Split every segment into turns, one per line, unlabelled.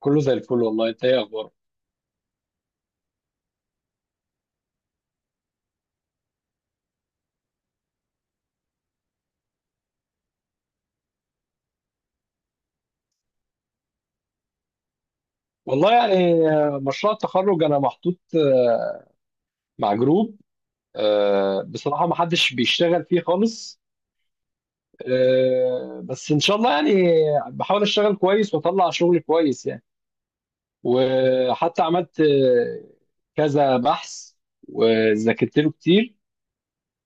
كله زي الفل، والله انت ايه اخبارك؟ والله يعني، مشروع التخرج انا محطوط مع جروب. بصراحة ما حدش بيشتغل فيه خالص. بس ان شاء الله يعني بحاول اشتغل كويس واطلع شغل كويس يعني. وحتى عملت كذا بحث وذاكرت له كتير،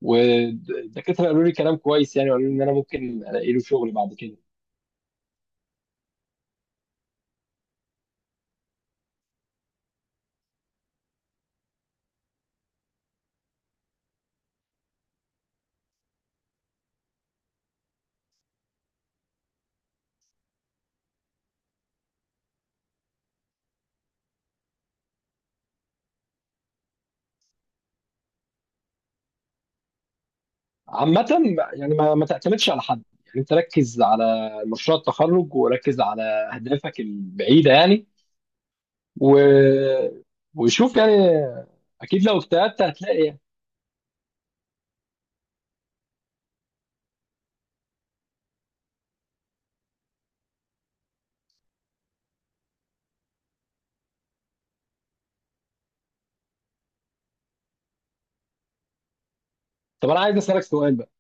والدكاترة قالوا لي كلام كويس يعني، وقالوا لي ان انا ممكن الاقي له شغل بعد كده. عامة يعني ما تعتمدش على حد، يعني انت ركز على مشروع التخرج وركز على اهدافك البعيدة يعني، و... وشوف يعني، اكيد لو اجتهدت هتلاقي يعني. طب انا عايز اسالك سؤال بقى،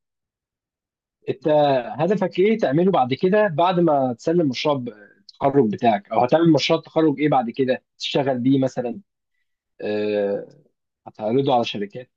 انت هدفك ايه تعمله بعد كده؟ بعد ما تسلم التخرج بتاعك، او هتعمل مشروع التخرج ايه بعد كده تشتغل بيه مثلا؟ آه، هتعرضه على شركات؟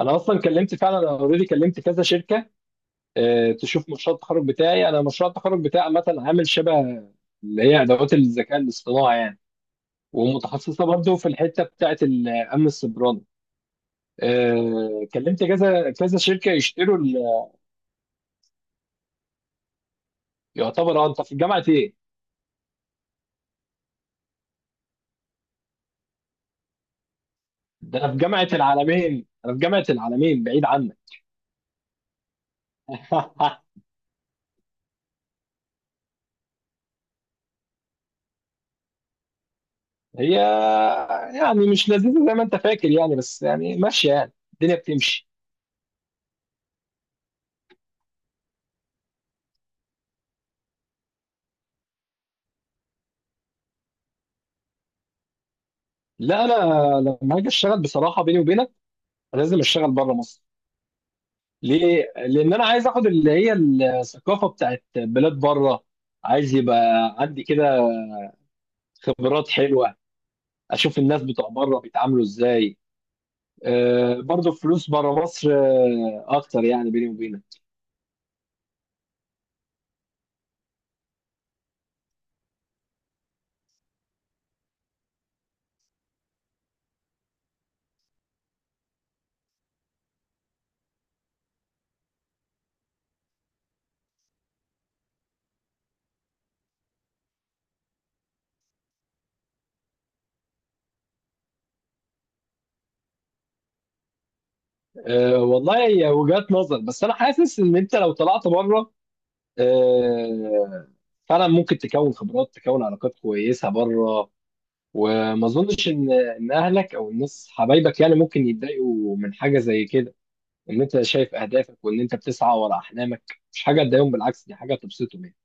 انا اصلا كلمت، فعلا انا اوريدي كلمت كذا شركة تشوف مشروع التخرج بتاعي. انا مشروع التخرج بتاعي عامه عامل شبه اللي هي ادوات الذكاء الاصطناعي يعني، ومتخصصه برضه في الحته بتاعه الامن السيبراني. كلمت كذا كذا شركه يشتروا يعتبر. اه انت في جامعه ايه؟ ده انا في جامعه العالمين، انا في جامعه العالمين بعيد عنك. هي يعني مش لذيذه زي ما انت فاكر يعني، بس يعني ماشيه، يعني الدنيا بتمشي. لا انا لما هاجي اشتغل بصراحه بيني وبينك لازم اشتغل بره مصر. ليه؟ لأن أنا عايز آخد اللي هي الثقافة بتاعت بلاد بره، عايز يبقى عندي كده خبرات حلوة، أشوف الناس بتوع بره بيتعاملوا إزاي. أه برضه فلوس بره مصر أه أكتر يعني، بيني وبينك. أه والله هي وجهات نظر، بس أنا حاسس إن أنت لو طلعت بره، أه، فعلا ممكن تكون خبرات، تكون علاقات كويسة بره. وما أظنش إن أهلك أو الناس حبايبك يعني ممكن يتضايقوا من حاجة زي كده. ان انت شايف اهدافك وان انت بتسعى ورا احلامك مش حاجه تضايقهم، بالعكس دي حاجه تبسطهم يعني.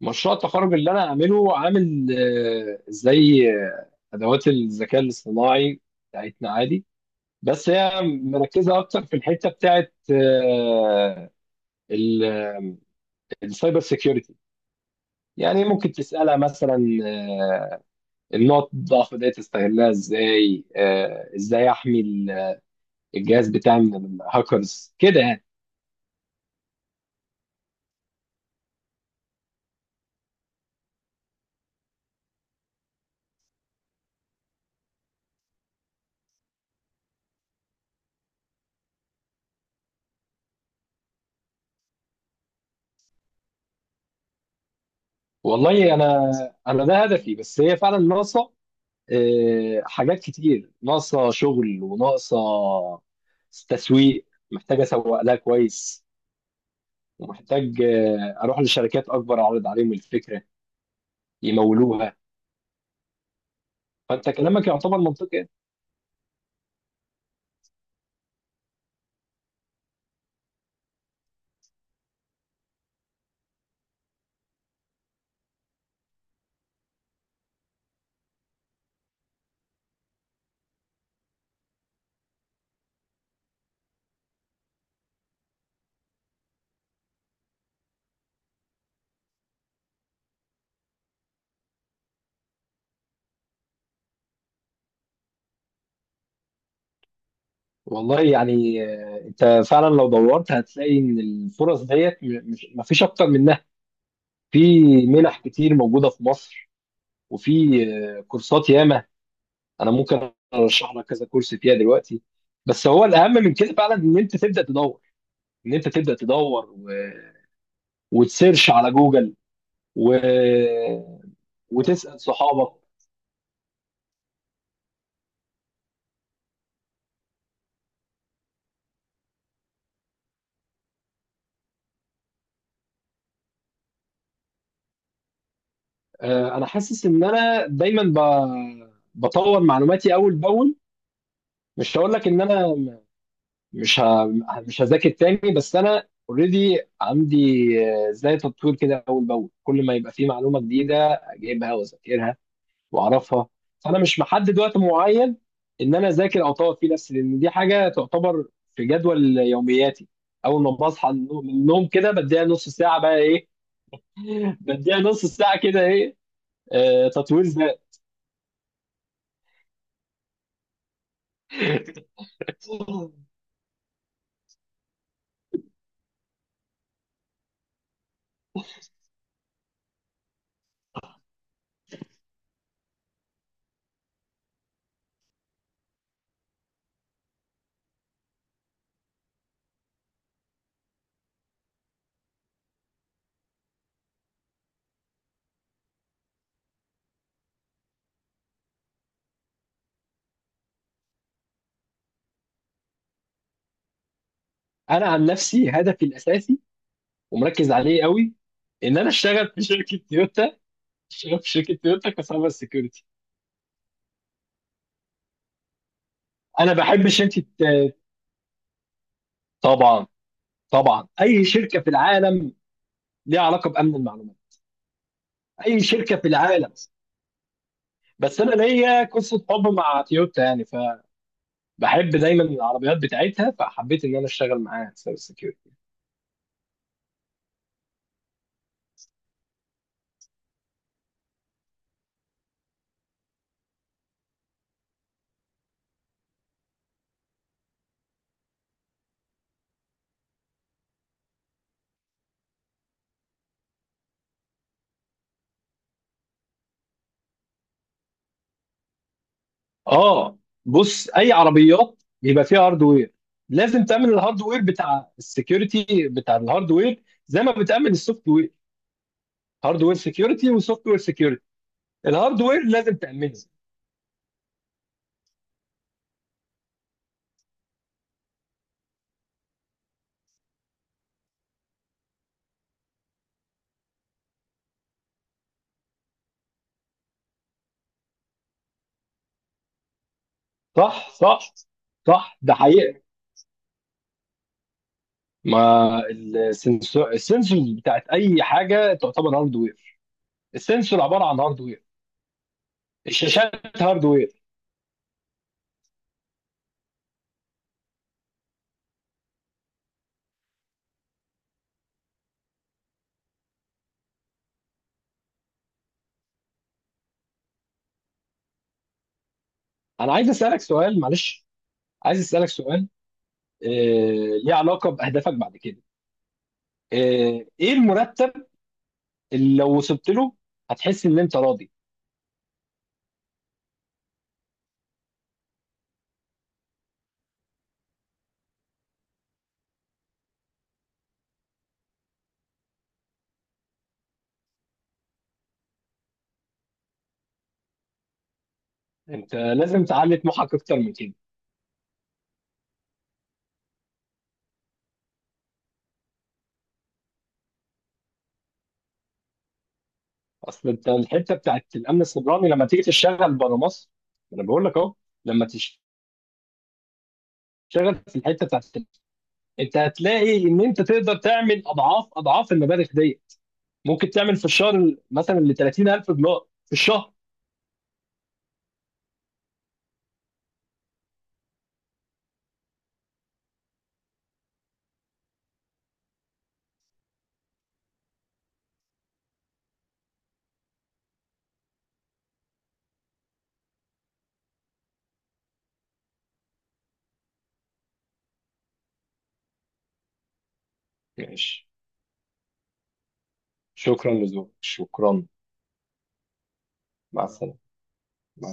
مشروع التخرج اللي انا عامله عامل زي ادوات الذكاء الاصطناعي بتاعتنا عادي، بس هي مركزه اكتر في الحته بتاعت ال- السايبر سيكيورتي. يعني ممكن تسالها مثلا آه، النقط الضعف دي تستغلها ازاي، ازاي احمي الجهاز بتاعي من الهاكرز كده يعني. والله انا، ده هدفي، بس هي فعلا ناقصه حاجات كتير، ناقصه شغل وناقصه تسويق، محتاج اسوق لها كويس، ومحتاج اروح لشركات اكبر اعرض عليهم الفكره يمولوها. فانت كلامك يعتبر منطقي. والله يعني انت فعلا لو دورت هتلاقي ان الفرص ديت مش مفيش اكتر منها. في منح كتير موجوده في مصر، وفي كورسات ياما، انا ممكن ارشح لك كذا كورس فيها دلوقتي. بس هو الاهم من كده فعلا ان انت تبدا تدور، ان انت تبدا تدور وتسيرش على جوجل و... وتسال صحابك. انا حاسس ان انا دايما بطور معلوماتي اول باول. مش هقول لك ان مش ه... مش هذاكر تاني، بس انا اوريدي عندي زي تطوير كده اول باول، كل ما يبقى في معلومه جديده اجيبها واذاكرها واعرفها. فانا مش محدد وقت معين ان انا اذاكر او اطور فيه نفسي، لان دي حاجه تعتبر في جدول يومياتي. اول ما بصحى من النوم كده بديها نص ساعه بقى ايه، بديها نص ساعه كده ايه، آه تطوير ذات. انا عن نفسي هدفي الاساسي، ومركز عليه قوي، ان انا اشتغل في شركه تويوتا، اشتغل في شركه تويوتا كسايبر سيكيورتي. انا بحب شركه طبعا، طبعا اي شركه في العالم ليها علاقه بامن المعلومات، اي شركه في العالم. بس انا ليا قصه حب مع تويوتا يعني، فبحب دايما العربيات بتاعتها، فحبيت ان انا اشتغل معاها سايبر سكيورتي. اه بص، اي عربيات بيبقى فيها هاردوير لازم تامن الهاردوير، بتاع السكيورتي بتاع الهاردوير زي ما بتامن السوفت وير. هاردوير سكيورتي وسوفت وير سكيورتي، الهاردوير لازم تامنه. صح صح صح ده حقيقه. ما السنسور، السنسورز بتاعت اي حاجه تعتبر هاردوير، السنسور عباره عن هاردوير، الشاشات هاردوير. انا عايز اسالك سؤال، معلش، عايز اسالك سؤال آه، ليه علاقه باهدافك بعد كده. ايه المرتب اللي لو وصلت له هتحس ان انت راضي؟ انت لازم تعلي طموحك اكتر من كده. اصل انت الحته بتاعت الامن السيبراني لما تيجي تشتغل بره مصر، انا بقول لك اهو، لما تشتغل في الحته بتاعت، انت هتلاقي ان انت تقدر تعمل اضعاف اضعاف المبالغ دي، ممكن تعمل في الشهر مثلا ل 30,000 دولار في الشهر. ماشي، شكرا لذوقك، شكرا، مع السلامه.